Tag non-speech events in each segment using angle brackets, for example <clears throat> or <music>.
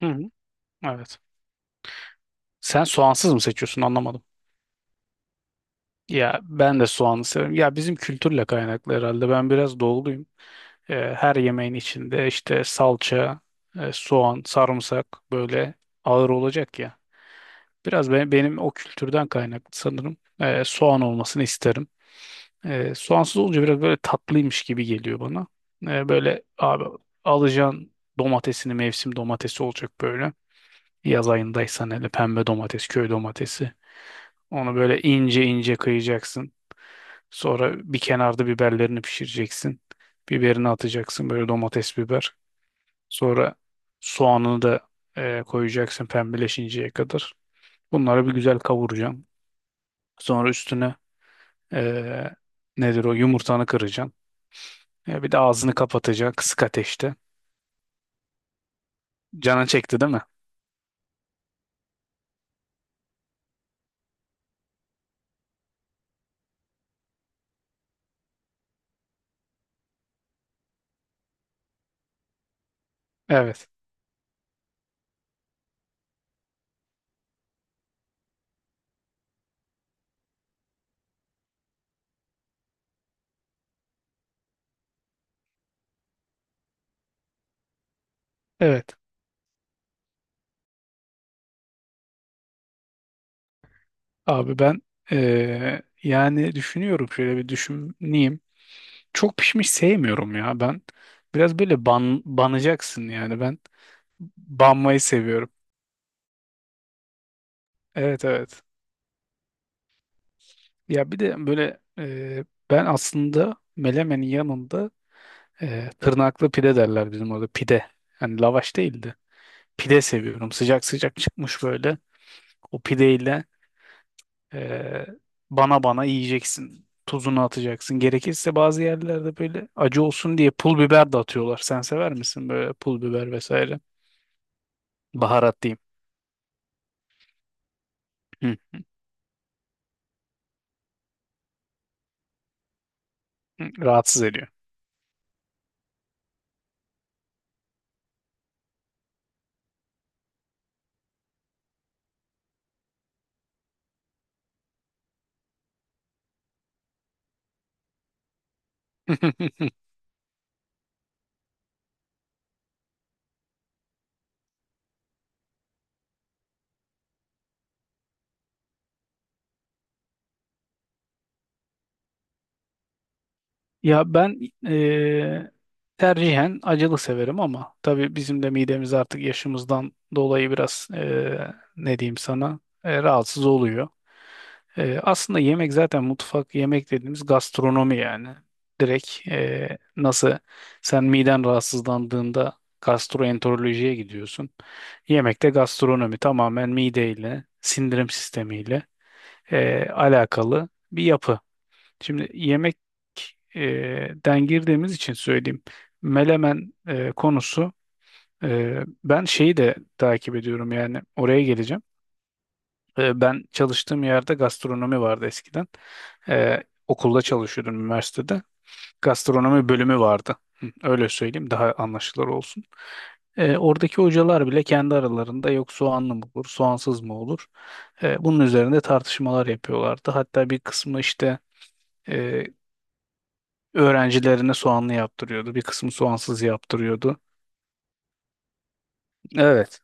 Hı hı, evet. Sen soğansız mı seçiyorsun anlamadım. Ya ben de soğanı severim. Ya bizim kültürle kaynaklı herhalde. Ben biraz doğuluyum. Her yemeğin içinde işte salça, soğan, sarımsak böyle ağır olacak ya. Benim o kültürden kaynaklı sanırım. Soğan olmasını isterim. Soğansız olunca biraz böyle tatlıymış gibi geliyor bana. Böyle abi alacaksın, domatesini mevsim domatesi olacak böyle. Yaz ayındaysan hele pembe domates, köy domatesi. Onu böyle ince ince kıyacaksın. Sonra bir kenarda biberlerini pişireceksin. Biberini atacaksın böyle, domates biber. Sonra soğanını da koyacaksın pembeleşinceye kadar. Bunları bir güzel kavuracaksın. Sonra üstüne e, nedir o, yumurtanı kıracaksın. E, bir de ağzını kapatacaksın kısık ateşte. Canın çekti değil mi? Evet. Evet. Abi ben yani düşünüyorum, şöyle bir düşüneyim. Çok pişmiş sevmiyorum ya ben. Biraz böyle banacaksın yani ben. Banmayı seviyorum. Evet, evet. Ya bir de böyle ben aslında melemenin yanında tırnaklı pide derler bizim orada, pide. Yani lavaş değildi. Pide seviyorum. Sıcak sıcak çıkmış böyle. O pideyle e, bana bana yiyeceksin. Tuzunu atacaksın. Gerekirse bazı yerlerde böyle acı olsun diye pul biber de atıyorlar. Sen sever misin böyle pul biber vesaire? Baharat diyeyim. Hı, rahatsız ediyor. <laughs> Ya ben eee, tercihen acılı severim ama tabii bizim de midemiz artık yaşımızdan dolayı biraz ne diyeyim sana, rahatsız oluyor. Aslında yemek zaten, mutfak yemek dediğimiz gastronomi yani. Direkt nasıl, sen miden rahatsızlandığında gastroenterolojiye gidiyorsun. Yemekte gastronomi tamamen mideyle, sindirim sistemiyle alakalı bir yapı. Şimdi yemek e, den girdiğimiz için söyleyeyim. Melemen konusu, ben şeyi de takip ediyorum yani, oraya geleceğim. E, ben çalıştığım yerde gastronomi vardı eskiden. E, okulda çalışıyordum, üniversitede. Gastronomi bölümü vardı. Hı, öyle söyleyeyim daha anlaşılır olsun. E, oradaki hocalar bile kendi aralarında, yok soğanlı mı olur, soğansız mı olur? E, bunun üzerinde tartışmalar yapıyorlardı. Hatta bir kısmı işte e, öğrencilerine soğanlı yaptırıyordu. Bir kısmı soğansız yaptırıyordu. Evet.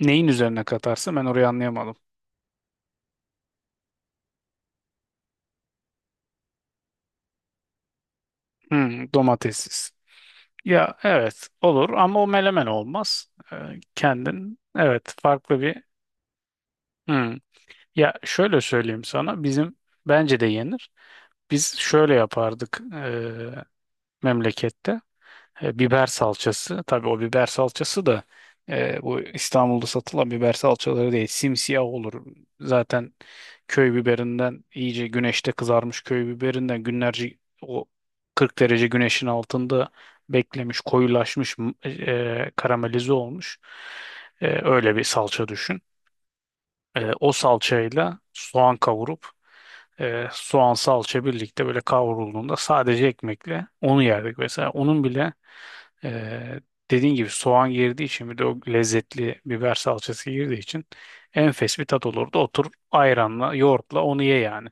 Neyin üzerine katarsa, ben orayı anlayamadım. Hmm, domatessiz. Ya evet, olur ama o melemen olmaz. Kendin, evet, farklı bir. Hmm. Ya şöyle söyleyeyim sana, bizim, bence de yenir. Biz şöyle yapardık memlekette. E, biber salçası. Tabii o biber salçası da bu İstanbul'da satılan biber salçaları değil. Simsiyah olur. Zaten köy biberinden iyice güneşte kızarmış köy biberinden günlerce o 40 derece güneşin altında beklemiş, koyulaşmış, karamelize olmuş. E, öyle bir salça düşün. E, o salçayla soğan kavurup soğan salça birlikte böyle kavrulduğunda sadece ekmekle onu yerdik mesela. Onun bile ee, dediğin gibi soğan girdiği için, bir de o lezzetli biber salçası girdiği için enfes bir tat olurdu. Otur ayranla, yoğurtla onu ye yani.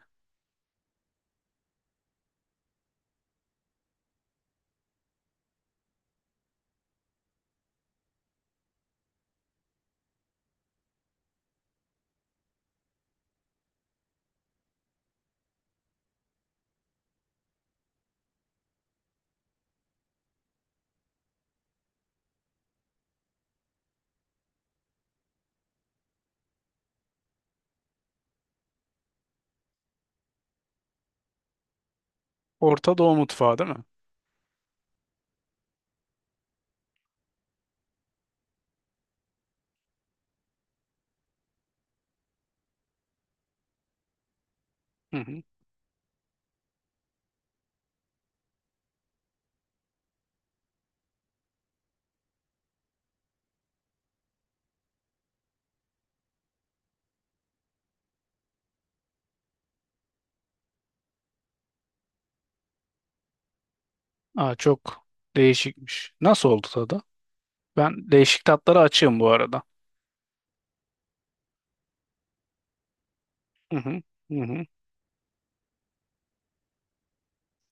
Orta Doğu mutfağı değil mi? Hı hı. Aa, çok değişikmiş. Nasıl oldu tadı? Ben değişik tatlara açığım bu arada. Hı hı. Hı hı.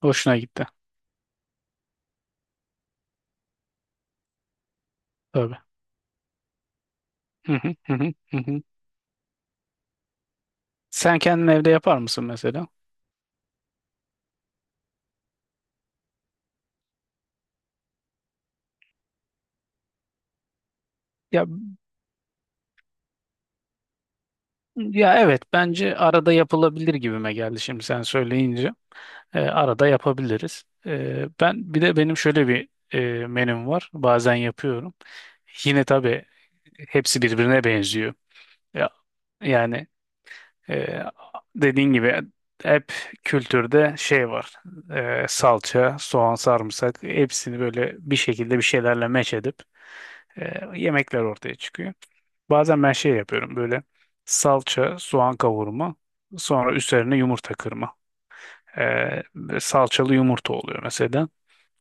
Hoşuna gitti. Tabii. Hı hı. Hı hı. Hı hı. Sen kendin evde yapar mısın mesela? Ya, ya, evet bence arada yapılabilir gibime geldi şimdi sen söyleyince. E, arada yapabiliriz. E, ben bir de, benim şöyle bir menüm var. Bazen yapıyorum. Yine tabii hepsi birbirine benziyor. Ya, yani e, dediğin gibi hep kültürde şey var. E, salça, soğan, sarımsak, hepsini böyle bir şekilde bir şeylerle meç edip yemekler ortaya çıkıyor. Bazen ben şey yapıyorum, böyle salça, soğan kavurma, sonra üzerine yumurta kırma. Ee, Salçalı yumurta oluyor mesela.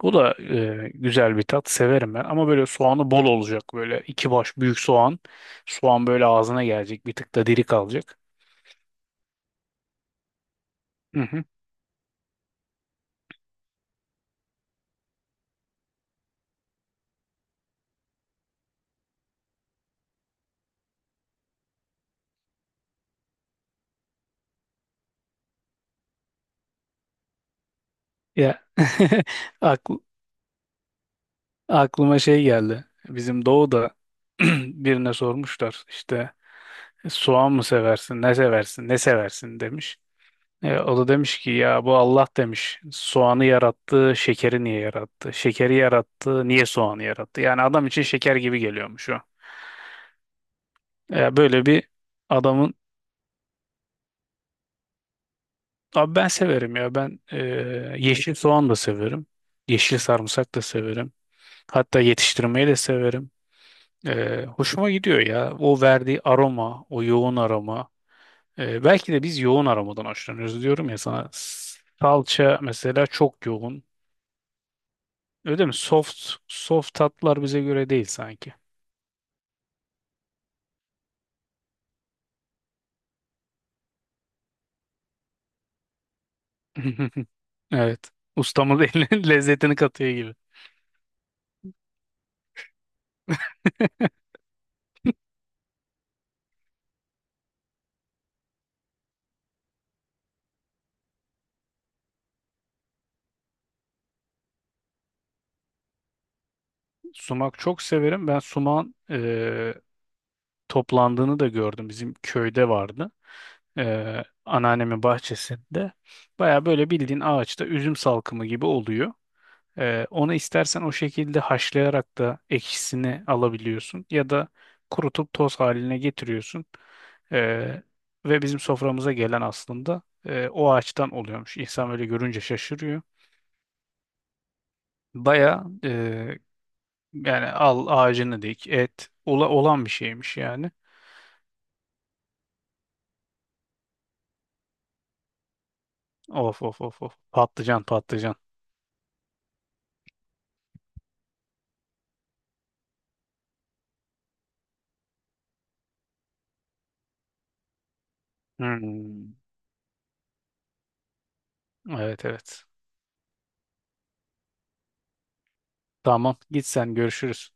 O da güzel bir tat. Severim ben. Ama böyle soğanı bol olacak. Böyle iki baş büyük soğan. Soğan böyle ağzına gelecek. Bir tık da diri kalacak. Hı hı. Ya <laughs> akl- aklıma şey geldi. Bizim Doğu'da <clears throat> birine sormuşlar, işte soğan mı seversin, ne seversin, ne seversin demiş. E, o da demiş ki, ya bu Allah demiş soğanı yarattı, şekeri niye yarattı? Şekeri yarattı, niye soğanı yarattı? Yani adam için şeker gibi geliyormuş o. E, böyle bir adamın. Abi ben severim ya ben, yeşil soğan da severim. Yeşil sarımsak da severim. Hatta yetiştirmeyi de severim. E, hoşuma gidiyor ya o verdiği aroma, o yoğun aroma. E, belki de biz yoğun aromadan hoşlanıyoruz diyorum ya sana. Salça mesela çok yoğun. Öyle mi? Soft soft tatlar bize göre değil sanki. <laughs> Evet. Ustamız elinin <laughs> lezzetini katıyor gibi. <laughs> Sumak çok severim. Ben sumağın toplandığını da gördüm. Bizim köyde vardı. Anneannemin bahçesinde. Baya böyle bildiğin ağaçta üzüm salkımı gibi oluyor. Onu istersen o şekilde haşlayarak da ekşisini alabiliyorsun ya da kurutup toz haline getiriyorsun. Ee, Ve bizim soframıza gelen aslında o ağaçtan oluyormuş. İnsan böyle görünce şaşırıyor. Baya yani al ağacını dik, olan bir şeymiş yani. Of of of of, patlıcan patlıcan. Hmm. Evet, evet. Tamam. Git sen, görüşürüz.